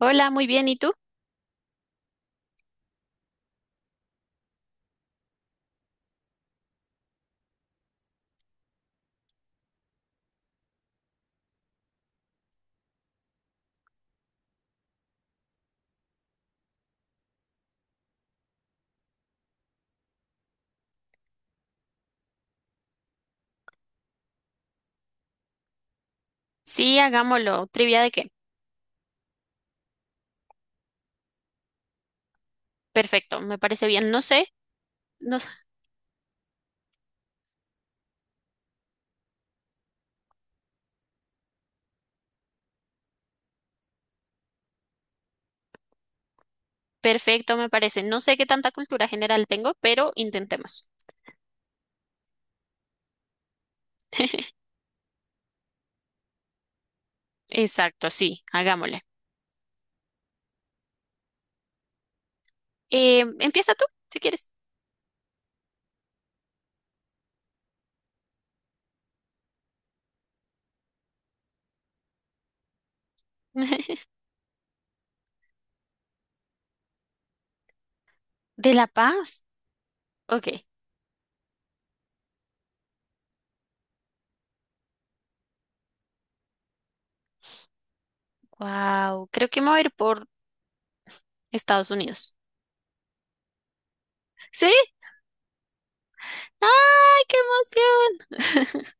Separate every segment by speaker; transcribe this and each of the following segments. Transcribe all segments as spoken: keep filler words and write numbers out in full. Speaker 1: Hola, muy bien. ¿Y tú? Sí, hagámoslo. ¿Trivia de qué? Perfecto, me parece bien. No sé, no, perfecto, me parece. No sé qué tanta cultura general tengo, pero intentemos. Exacto, sí, hagámosle. Eh, empieza tú, si quieres. ¿De La Paz? Ok. Wow, creo que me voy a ir por Estados Unidos. ¿Sí? ¡Ay, qué emoción!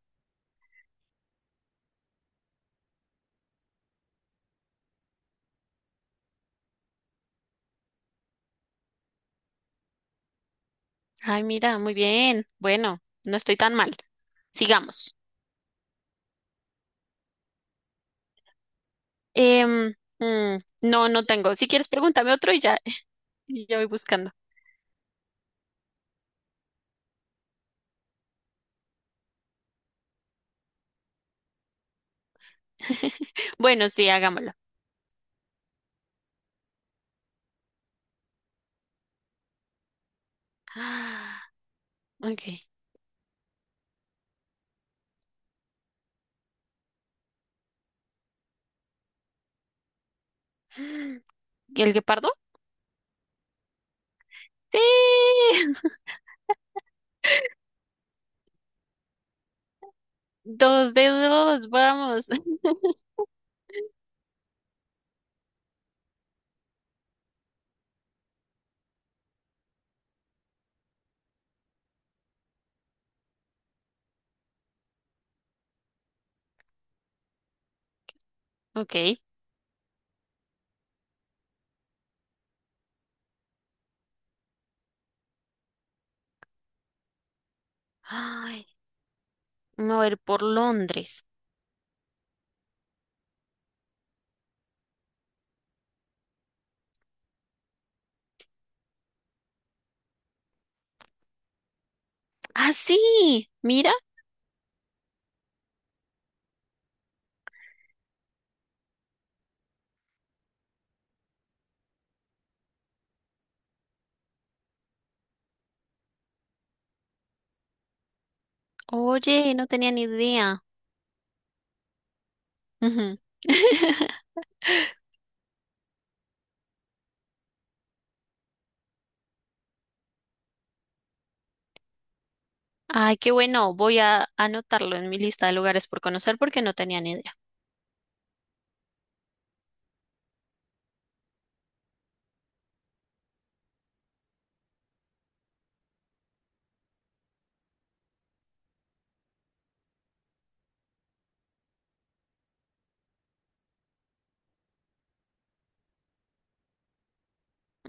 Speaker 1: Ay, mira, muy bien. Bueno, no estoy tan mal. Sigamos. Em, mm, no, no tengo. Si quieres, pregúntame otro y ya. Y ya voy buscando. Bueno, sí, hagámoslo. Ah, Ok. ¿Y el guepardo? Sí. Dos de dos, vamos. Ok. Ay, me voy a ir por Londres. Ah, sí. Mira. Oye, no tenía ni idea. Ujú. Ay, qué bueno. Voy a anotarlo en mi lista de lugares por conocer porque no tenía ni idea.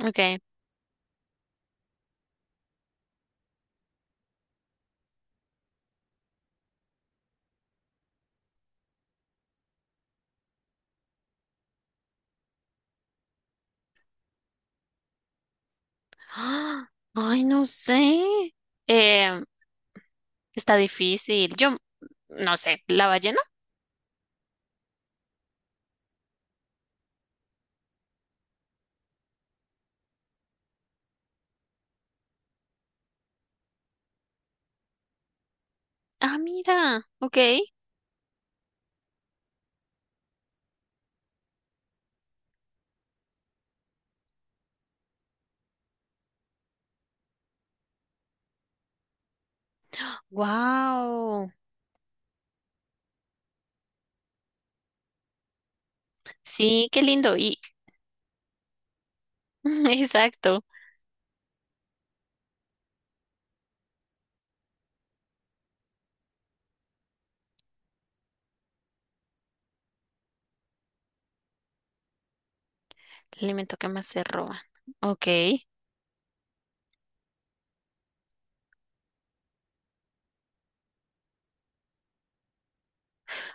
Speaker 1: Okay. ¡Ah! Ay, no sé. Eh, Está difícil. Yo no sé. ¿La ballena? Ah, mira. Ok. Wow. Sí, qué lindo. Y exacto. El alimento que más se roban. Ok.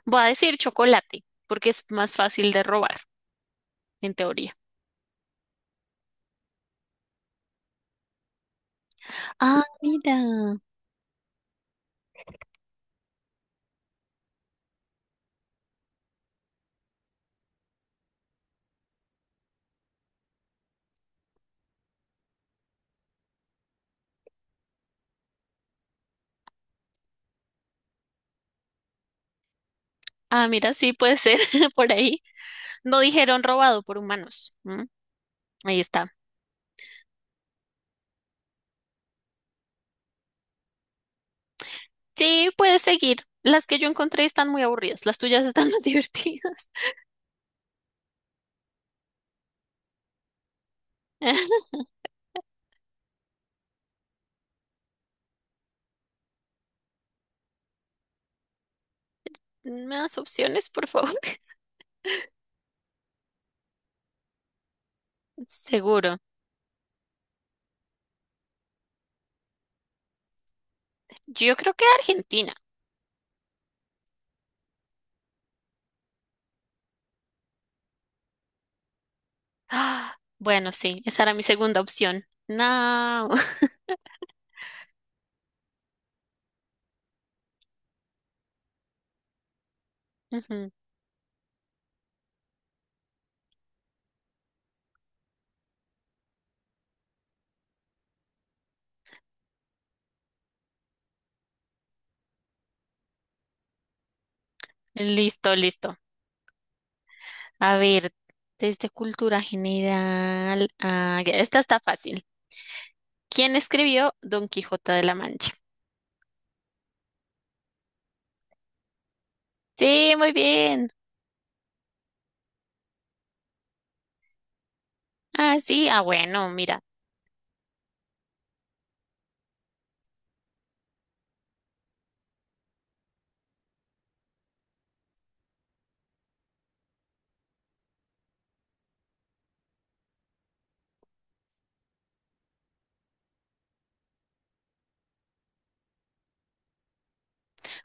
Speaker 1: Voy a decir chocolate porque es más fácil de robar, en teoría. Ah, mira. Ah, mira, sí puede ser por ahí. No dijeron robado por humanos. Ahí está. Sí, puedes seguir. Las que yo encontré están muy aburridas. Las tuyas están más divertidas. Más opciones, por favor. Seguro. Yo creo que Argentina. Ah, bueno, sí, esa era mi segunda opción. No. Ujú. Listo, listo. A ver, desde cultura general. Ah, ya, esta está fácil. ¿Quién escribió Don Quijote de la Mancha? Sí, muy bien. Ah, sí. Ah, bueno, mira.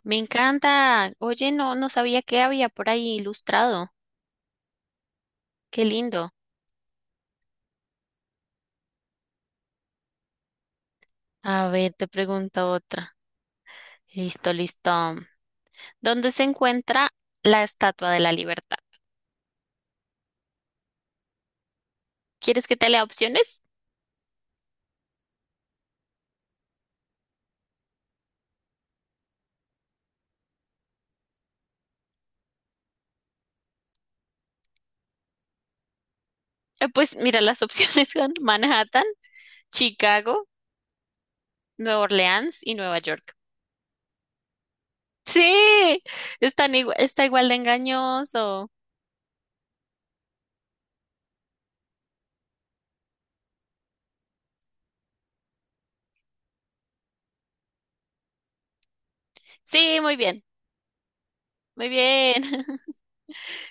Speaker 1: Me encanta. Oye, no, no sabía que había por ahí ilustrado. Qué lindo. A ver, te pregunto otra. Listo, listo. ¿Dónde se encuentra la Estatua de la Libertad? ¿Quieres que te lea opciones? Eh, pues mira, las opciones son Manhattan, Chicago, Nueva Orleans y Nueva York. Sí, están igua- está igual de engañoso. Sí, muy bien, muy bien.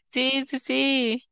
Speaker 1: Sí, sí, sí.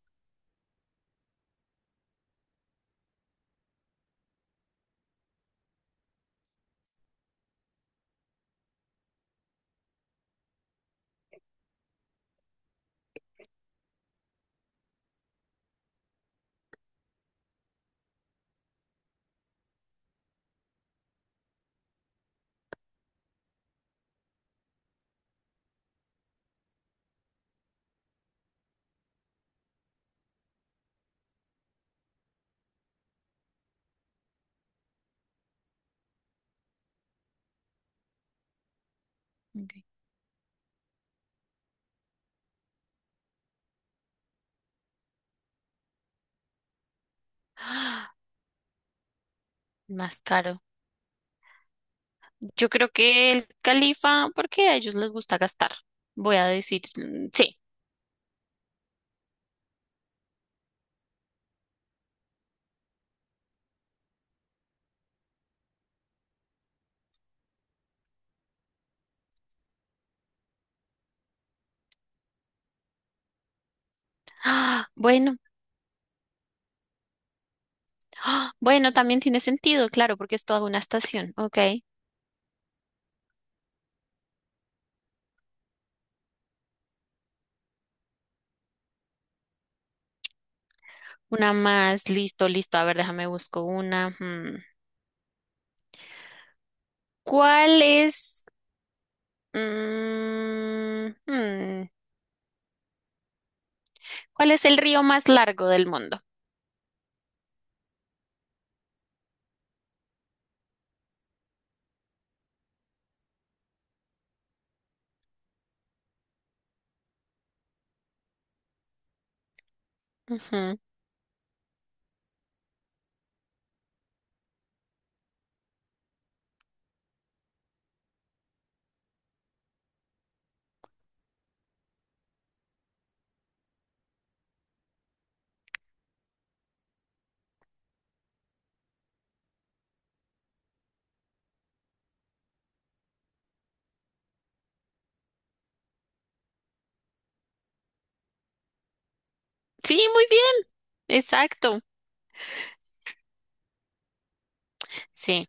Speaker 1: Ok, más caro. Yo creo que el califa, porque a ellos les gusta gastar. Voy a decir, mm, sí. Ah, bueno, ah, bueno, también tiene sentido, claro, porque es toda una estación. Ok, una más, listo, listo. A ver, déjame busco una. Hmm. ¿Cuál es, mm, hmm, ¿Cuál es el río más largo del mundo? Ujú. Sí, muy bien, exacto. Sí,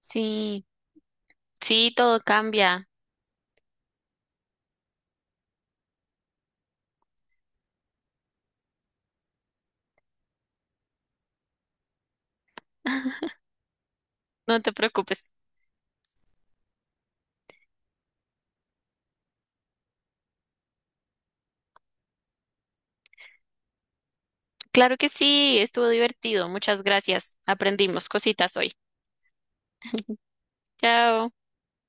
Speaker 1: sí, sí, todo cambia. No te preocupes. Claro que sí, estuvo divertido. Muchas gracias. Aprendimos cositas hoy. Chao.